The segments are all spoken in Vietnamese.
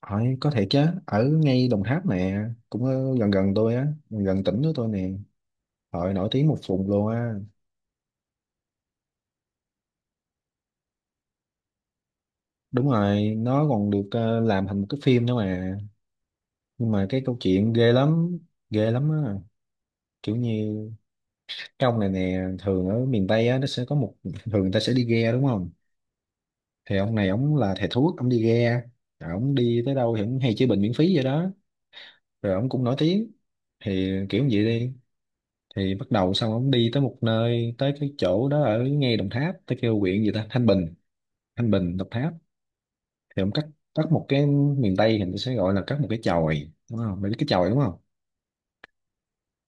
Hỏi có thể chứ, ở ngay Đồng Tháp nè, cũng gần gần tôi á, gần gần tỉnh của tôi nè. Hội nổi tiếng một vùng luôn á. Đúng rồi, nó còn được làm thành một cái phim nữa mà. Nhưng mà cái câu chuyện ghê lắm á. Kiểu như cái ông này nè, thường ở miền Tây á, nó sẽ có một, thường người ta sẽ đi ghe đúng không? Thì ông này, ông là thầy thuốc, ông đi ghe. Rồi ông đi tới đâu thì ông hay chữa bệnh miễn phí vậy đó. Rồi ông cũng nổi tiếng. Thì kiểu như vậy đi. Thì bắt đầu xong ông đi tới một nơi, tới cái chỗ đó ở ngay Đồng Tháp, tới kêu huyện gì ta, Thanh Bình, Thanh Bình Đồng Tháp. Thì ông cắt, cắt một cái, miền Tây thì nó sẽ gọi là cắt một cái chòi, đúng không, mày biết cái chòi đúng không?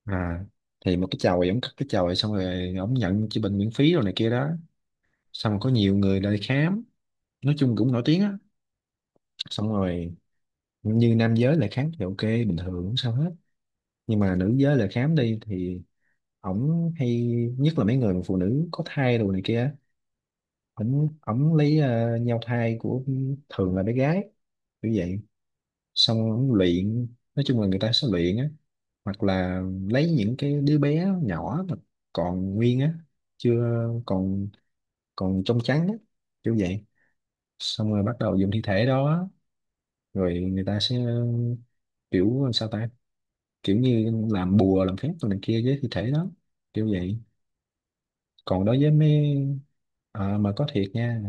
à thì một cái chòi, ông cắt cái chòi xong rồi ông nhận chữa bệnh miễn phí rồi này kia đó. Xong rồi có nhiều người lại khám, nói chung cũng nổi tiếng á. Xong rồi như nam giới lại khám thì ok, bình thường không sao hết. Nhưng mà nữ giới lại khám đi thì ổng hay, nhất là mấy người mà phụ nữ có thai đồ này kia, ổng ổng lấy nhau thai của, thường là bé gái, kiểu vậy. Xong ổng luyện, nói chung là người ta sẽ luyện á, hoặc là lấy những cái đứa bé nhỏ mà còn nguyên á, chưa, còn, còn trong trắng á, kiểu vậy. Xong rồi bắt đầu dùng thi thể đó, rồi người ta sẽ, kiểu sao ta, kiểu như làm bùa làm phép rồi này kia với thi thể đó, kiểu vậy. Còn đối với mấy, mà có thiệt nha,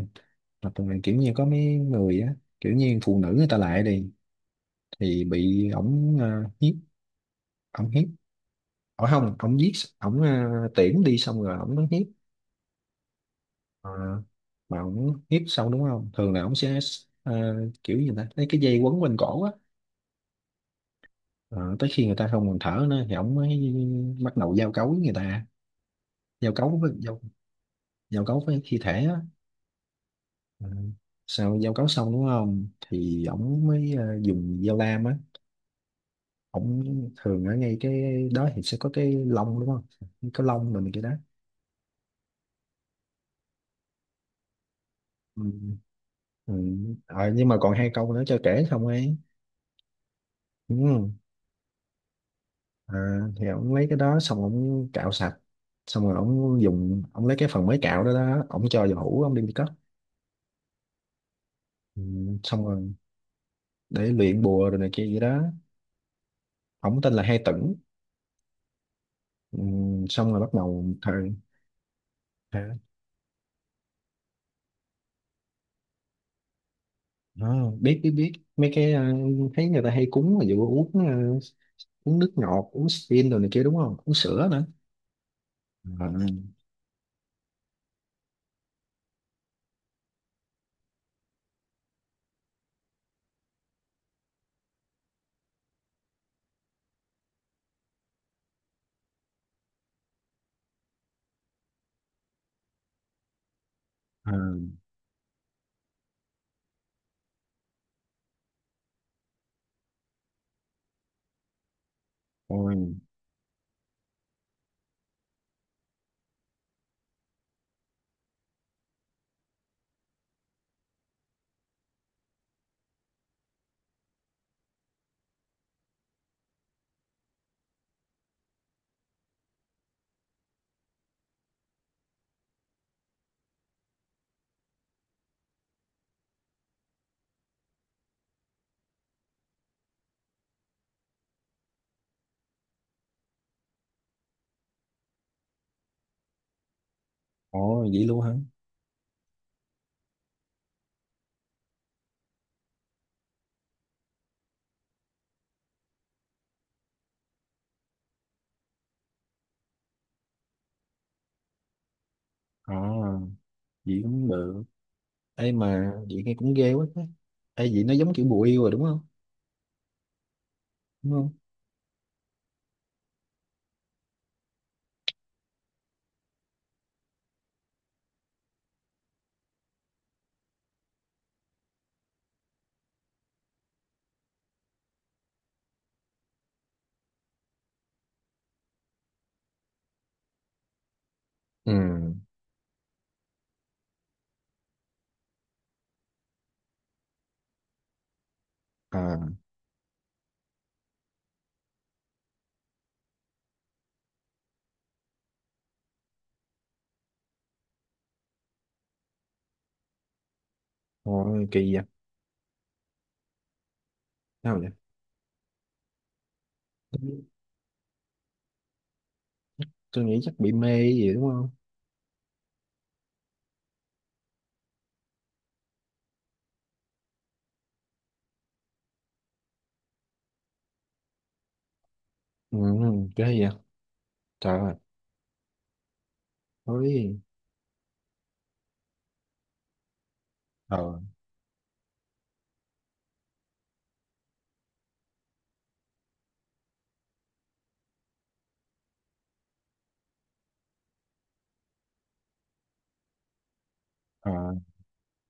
hoặc là kiểu như có mấy người á, kiểu như phụ nữ người ta lại đi thì bị ổng hiếp, ổng hiếp, ở không ổng giết, ổng tiễn đi xong rồi ổng nó hiếp. Ờ, mà ổng hiếp xong đúng không, thường là ổng sẽ, à, kiểu gì ta, lấy cái dây quấn quanh cổ á. Ờ, tới khi người ta không còn thở nữa thì ổng mới bắt đầu giao cấu với người ta, giao cấu với giao, giao cấu với thi thể á. Ừ. Sau giao cấu xong đúng không thì ổng mới dùng dao lam á. Ổng, thường ở ngay cái đó thì sẽ có cái lông đúng không, cái lông mình này, cái đó. Ừ. Ừ. Ờ, nhưng mà còn hai câu nữa cho kể xong ấy. Ừ. à, thì ổng lấy cái đó xong ổng cạo sạch, xong rồi ổng dùng, ổng lấy cái phần mới cạo đó đó, ổng cho vào hũ, ổng đem đi cất. Ừ. Xong rồi để luyện bùa rồi này kia vậy đó. Ổng tên là Hai Tửng. Ừ. Xong rồi bắt đầu thời. Ờ, biết biết biết mấy cái thấy người ta hay cúng là vụ uống uống nước ngọt, uống stin rồi này kia đúng không, uống sữa nữa. à, à, Ôi, ôi vậy luôn hả. Ờ, vậy cũng được. Ấy mà vậy nghe cũng ghê quá á. Ấy vậy nó giống kiểu bùa yêu rồi đúng không, đúng không? Ừ. à Ôi kỳ vậy. Sao vậy? tôi, tôi nghĩ chắc bị mê gì đúng không. Ừ, ghê vậy. Trời ơi, ôi. Ờ, ờ,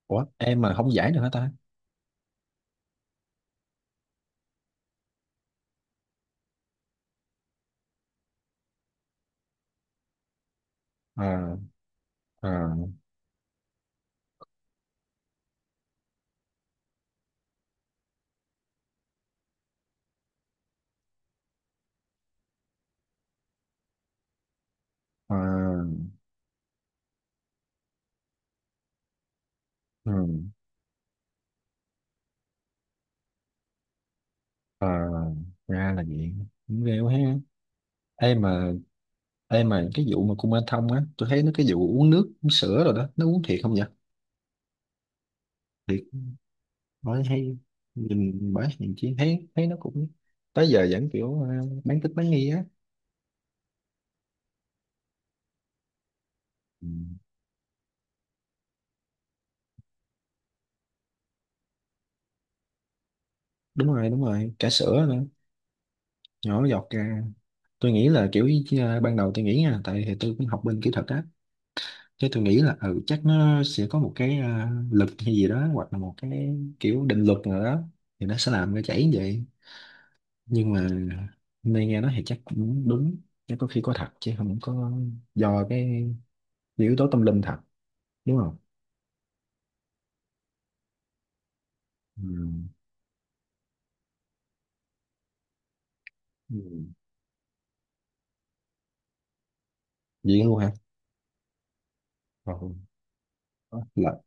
ủa, em mà không giải được hả ta. Ờ, ờ, ờ, ừ. Ờ, ra là vậy, cũng ghê quá ha. Ê mà, ê mà cái vụ mà Kuma Thông á, tôi thấy nó, cái vụ uống nước uống sữa rồi đó, nó uống thiệt không vậy? Thiệt. Bởi hay nhìn, bởi nhìn chi thấy, thấy nó cũng tới giờ vẫn kiểu bán tín bán nghi á. Ừ. Đúng rồi, đúng rồi, cả sữa nữa nhỏ giọt ra. Tôi nghĩ là kiểu, ban đầu tôi nghĩ nha, tại thì tôi cũng học bên kỹ thuật á. Thế tôi nghĩ là ừ, chắc nó sẽ có một cái lực hay gì đó, hoặc là một cái kiểu định luật nào đó thì nó sẽ làm nó chảy như vậy. Nhưng mà hôm nay nghe nói thì chắc cũng đúng. Chắc có khi có thật chứ không có do cái yếu tố tâm linh thật đúng không. Ừ. Ừ. Vậy luôn hả. Ồ, là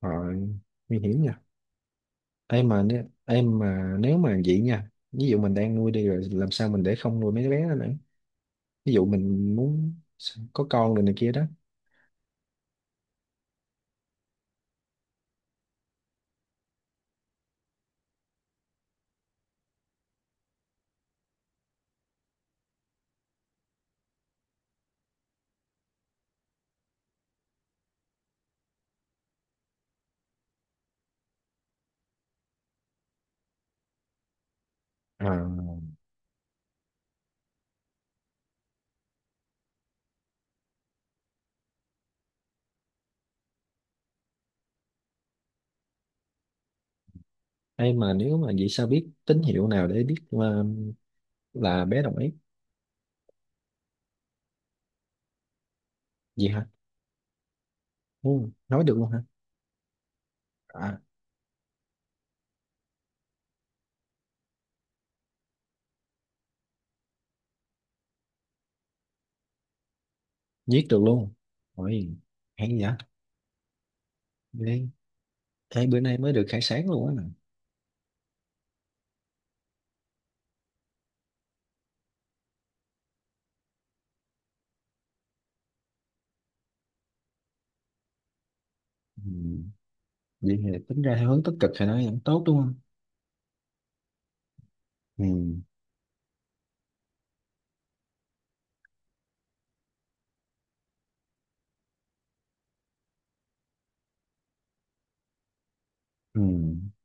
rồi, nguy hiểm nha. Em mà nếu, em mà nếu mà vậy nha, ví dụ mình đang nuôi đi rồi làm sao mình để không nuôi mấy đứa bé đó nữa, ví dụ mình muốn có con rồi này kia đó. À. Em mà nếu mà vậy, sao biết tín hiệu nào để biết mà là bé đồng ý? Vậy hả? Ừ. Nói được luôn hả? À, viết được luôn. Ôi, hay vậy. Ghê. Thế bữa nay mới được khai sáng luôn á. Ừ. Vậy thì tính ra theo hướng tích cực thì nó vẫn tốt đúng không? Ừ.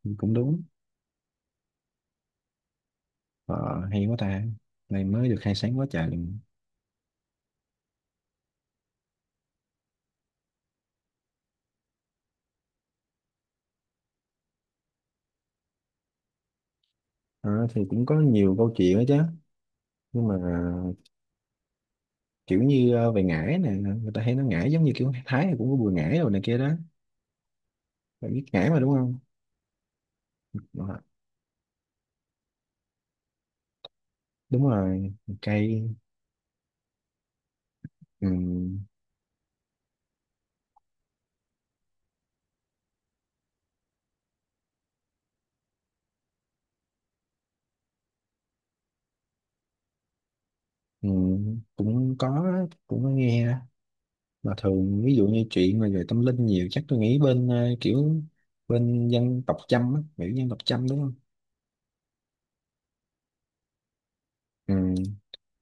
Ừ. Cũng đúng. Ờ, hay quá ta. Này mới được khai sáng quá trời liền. Ờ, thì cũng có nhiều câu chuyện đó chứ. Nhưng mà kiểu như về ngải nè. Người ta hay nói ngải, giống như kiểu Thái thì cũng có bùi ngải rồi này kia đó. Bạn biết ngải mà đúng không? Ờ, đúng rồi. Cây. Ừ. Ừ. Cũng có, cũng có nghe. Mà thường ví dụ như chuyện mà về tâm linh nhiều, chắc tôi nghĩ bên kiểu bên dân tộc Chăm á, kiểu dân tộc Chăm đúng không. Ừ.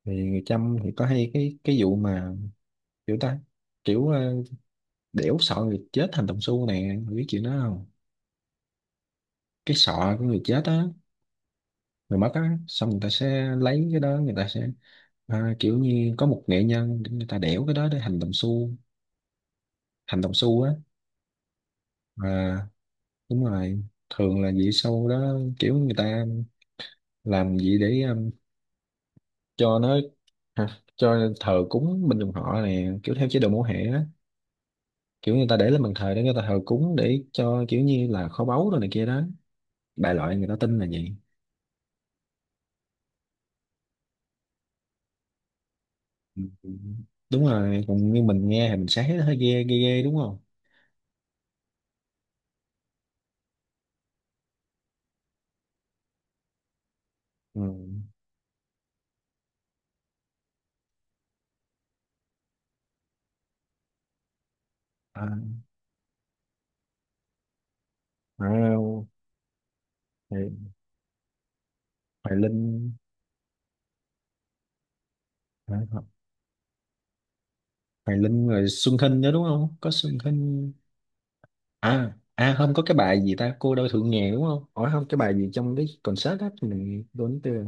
Thì người Chăm thì có hay cái vụ mà, kiểu ta, kiểu đẽo sọ người chết thành đồng xu nè. Mày biết chuyện đó không? Cái sọ của người chết á, người mất á, xong người ta sẽ lấy cái đó, người ta sẽ kiểu như có một nghệ nhân để người ta đẽo cái đó để thành đồng xu, thành đồng xu á. à, Đúng rồi, thường là vậy. Sau đó kiểu người ta làm gì để cho nó. Hả? Cho thờ cúng bên dòng họ này, kiểu theo chế độ mẫu hệ á. Kiểu người ta để lên bàn thờ để người ta thờ cúng, để cho kiểu như là kho báu rồi này kia đó. Đại loại người ta tin là vậy. Ừ. Đúng rồi, còn như mình nghe thì mình sẽ thấy nó hơi ghê ghê ghê đúng không. Ừ. à, à, Hoài, Hoài Linh. à, Ho- Hoài Linh rồi Xuân Hinh nữa đúng không, có Xuân Hinh. À không, có cái bài gì ta, cô đơn thượng nghèo đúng không, hỏi không, cái bài gì trong cái concert á, mình quên tiêu rồi.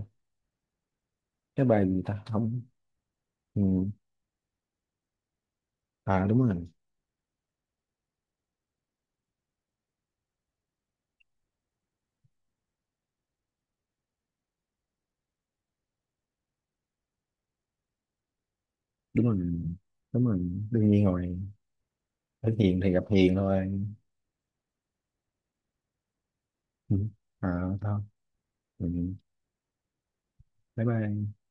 Cái bài gì ta không. Ừ. À đúng rồi. Đúng rồi, đúng rồi, đương nhiên rồi, hết hiền thì gặp hiền thôi. Ừ. À, thôi. Ừ. Bye bye.